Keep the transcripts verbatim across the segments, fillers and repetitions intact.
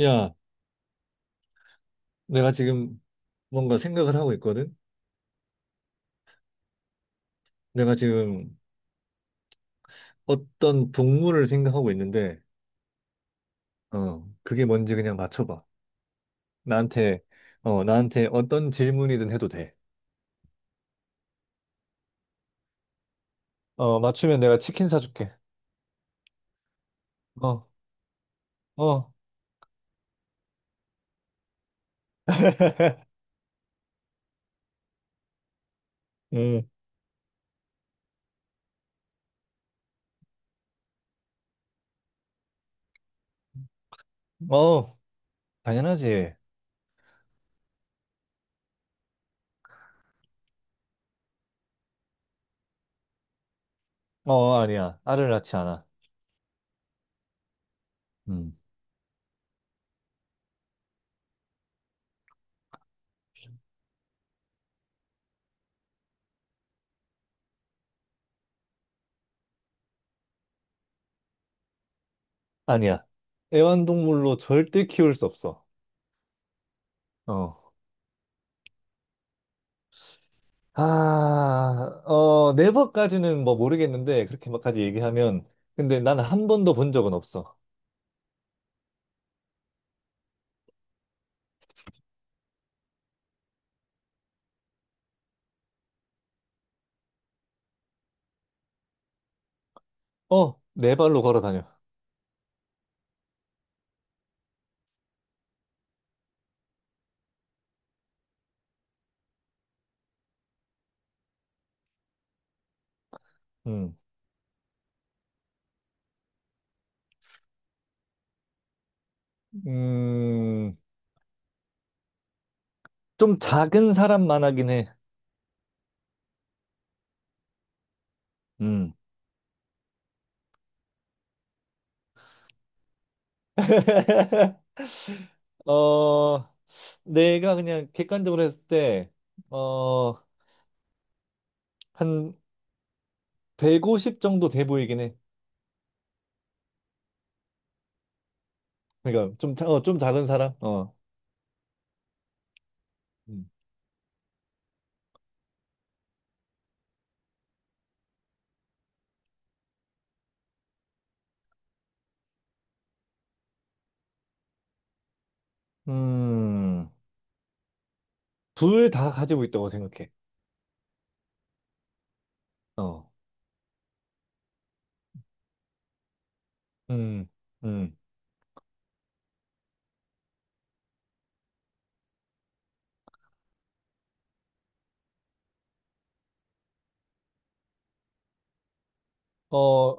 야, 내가 지금 뭔가 생각을 하고 있거든? 내가 지금 어떤 동물을 생각하고 있는데, 어, 그게 뭔지 그냥 맞춰봐. 나한테, 어, 나한테 어떤 질문이든 해도 돼. 어, 맞추면 내가 치킨 사줄게. 어, 어, 음, 어, 당연하지. 어, 아니야. 알을 낳지 않아. 음, 아니야. 애완동물로 절대 키울 수 없어. 어, 아, 어, 네 번까지는 뭐 모르겠는데, 그렇게 막까지 얘기하면. 근데 나는 한 번도 본 적은 없어. 어, 네 발로 걸어 다녀. 음, 음, 좀 작은 사람만 하긴 해. 음. 어, 내가 그냥 객관적으로 했을 때, 어, 한 백오십 정도 돼 보이긴 해. 그러니까 좀, 자- 어, 좀 작은 사람? 어. 음, 음. 둘 다 가지고 있다고 생각해. 어. 음, 음. 어...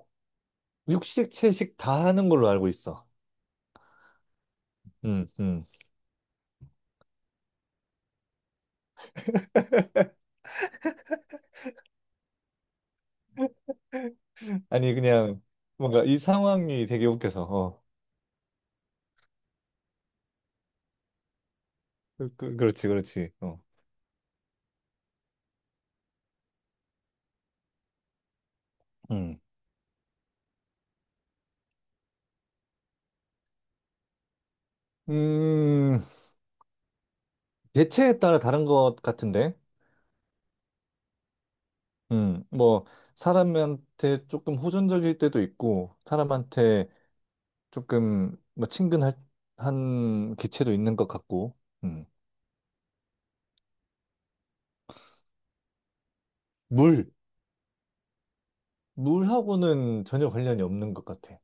육식, 채식 다 하는 걸로 알고 있어. 음, 음. 아니, 그냥 뭔가 이 상황이 되게 웃겨서. 어. 그, 그- 그렇지, 그렇지. 어. 음. 음, 체에 따라 다른 것 같은데. 음, 뭐, 사람한테 조금 호전적일 때도 있고, 사람한테 조금 뭐 친근할 한 개체도 있는 것 같고, 음. 물. 물하고는 전혀 관련이 없는 것 같아.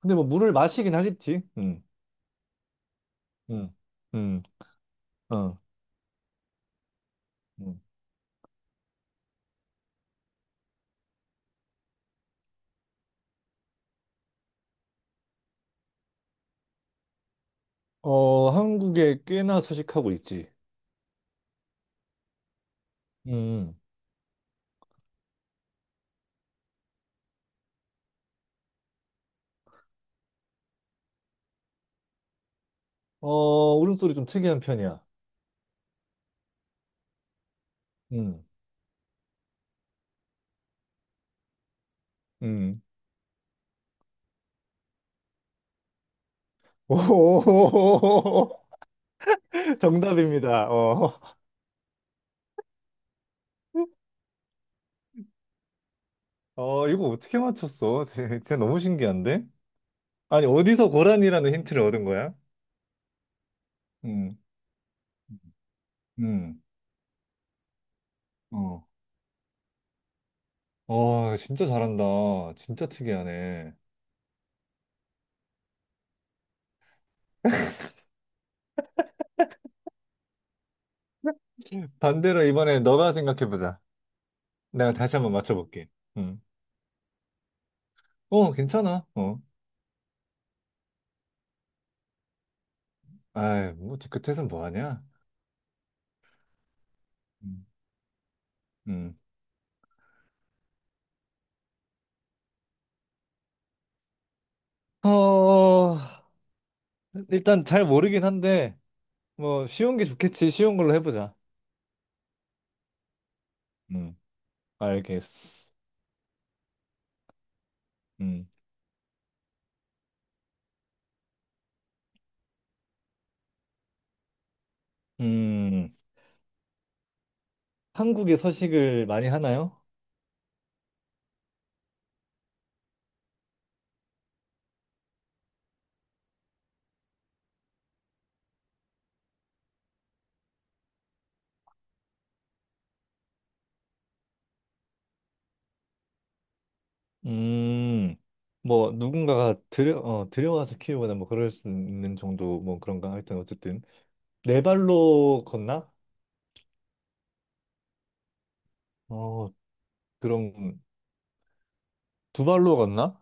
근데 뭐 물을 마시긴 하겠지. 음, 음, 음, 어. 음. 어, 한국에 꽤나 서식하고 있지. 음, 어, 울음소리 좀 특이한 편이야. 음, 음. 오, 정답입니다. 어. 어, 이거 어떻게 맞췄어? 진- 진짜 너무 신기한데? 아니, 어디서 고란이라는 힌트를 얻은 거야? 음, 음, 어. 어, 진짜 잘한다. 진짜 특이하네. 반대로 이번에 너가 생각해보자. 내가 다시 한번 맞춰볼게. 음, 어, 괜찮아. 어. 아이, 뭐, 뒤끝에선 뭐 하냐? 음. 어, 일단 잘 모르긴 한데, 뭐, 쉬운 게 좋겠지. 쉬운 걸로 해보자. 음. 알겠어. 음. 음, 한국에 서식을 많이 하나요? 음, 뭐, 누군가가 들여, 어, 들여와서 키우거나 뭐, 그럴 수 있는 정도, 뭐, 그런가? 하여튼, 어쨌든. 네 발로 걷나? 어, 그럼, 두 발로 걷나?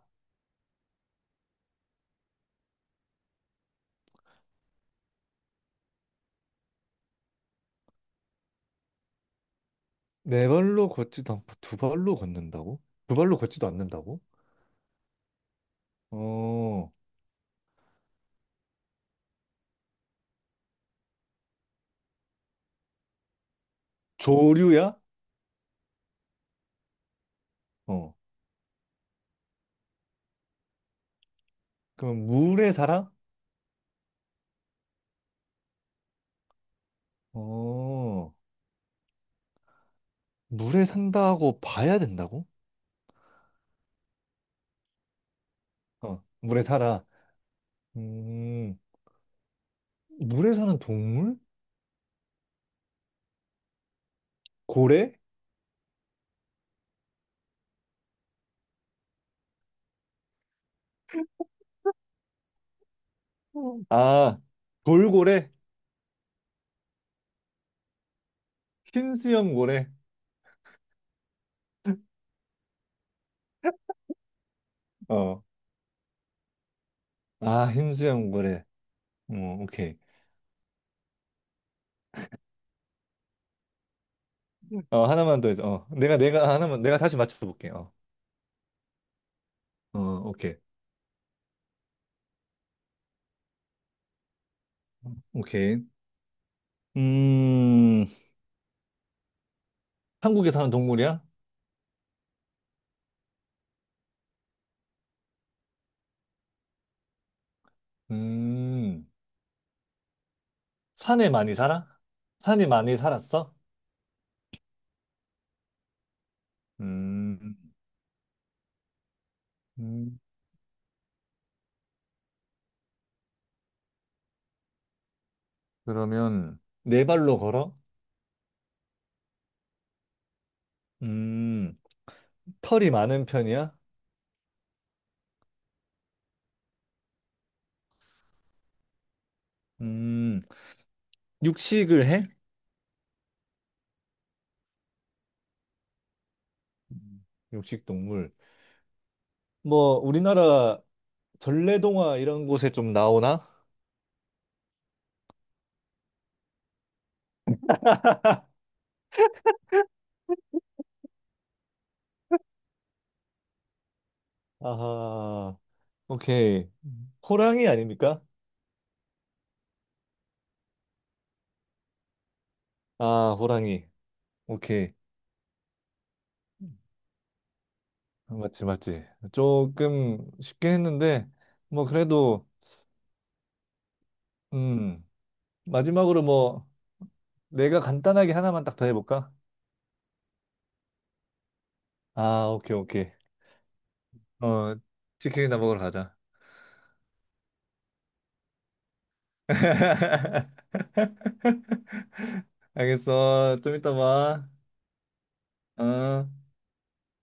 네 발로 걷지도 않고, 두 발로 걷는다고? 두 발로 걷지도 않는다고? 어, 조류야? 어. 그럼 물에 살아? 어, 물에 산다고 봐야 된다고? 어, 물에 살아. 음, 물에 사는 동물? 고래? 어. 아, 돌고래? 흰수염 고래? 어, 아, 흰수염 고래. 어, 오케이. 어, 하나만 더 해서. 어, 내가, 내가, 하나만, 내가 다시 맞춰볼게. 어, 어, 오케이. 오케이. 음, 한국에 사는 동물이야? 음, 산에 많이 살아? 산이 많이 살았어? 음, 음. 그러면 네 발로 걸어? 음, 털이 많은 편이야? 음, 육식을 해? 음, 육식 동물. 뭐 우리나라 전래동화 이런 곳에 좀 나오나? 아하, 오케이. 호랑이 아닙니까? 아, 호랑이. 오케이. 맞지, 맞지. 조금 쉽긴 했는데, 뭐, 그래도, 음, 마지막으로 뭐, 내가 간단하게 하나만 딱 더 해볼까? 아, 오케이, 오케이. 어, 치킨이나 먹으러 가자. 알겠어. 좀 이따 봐. 어.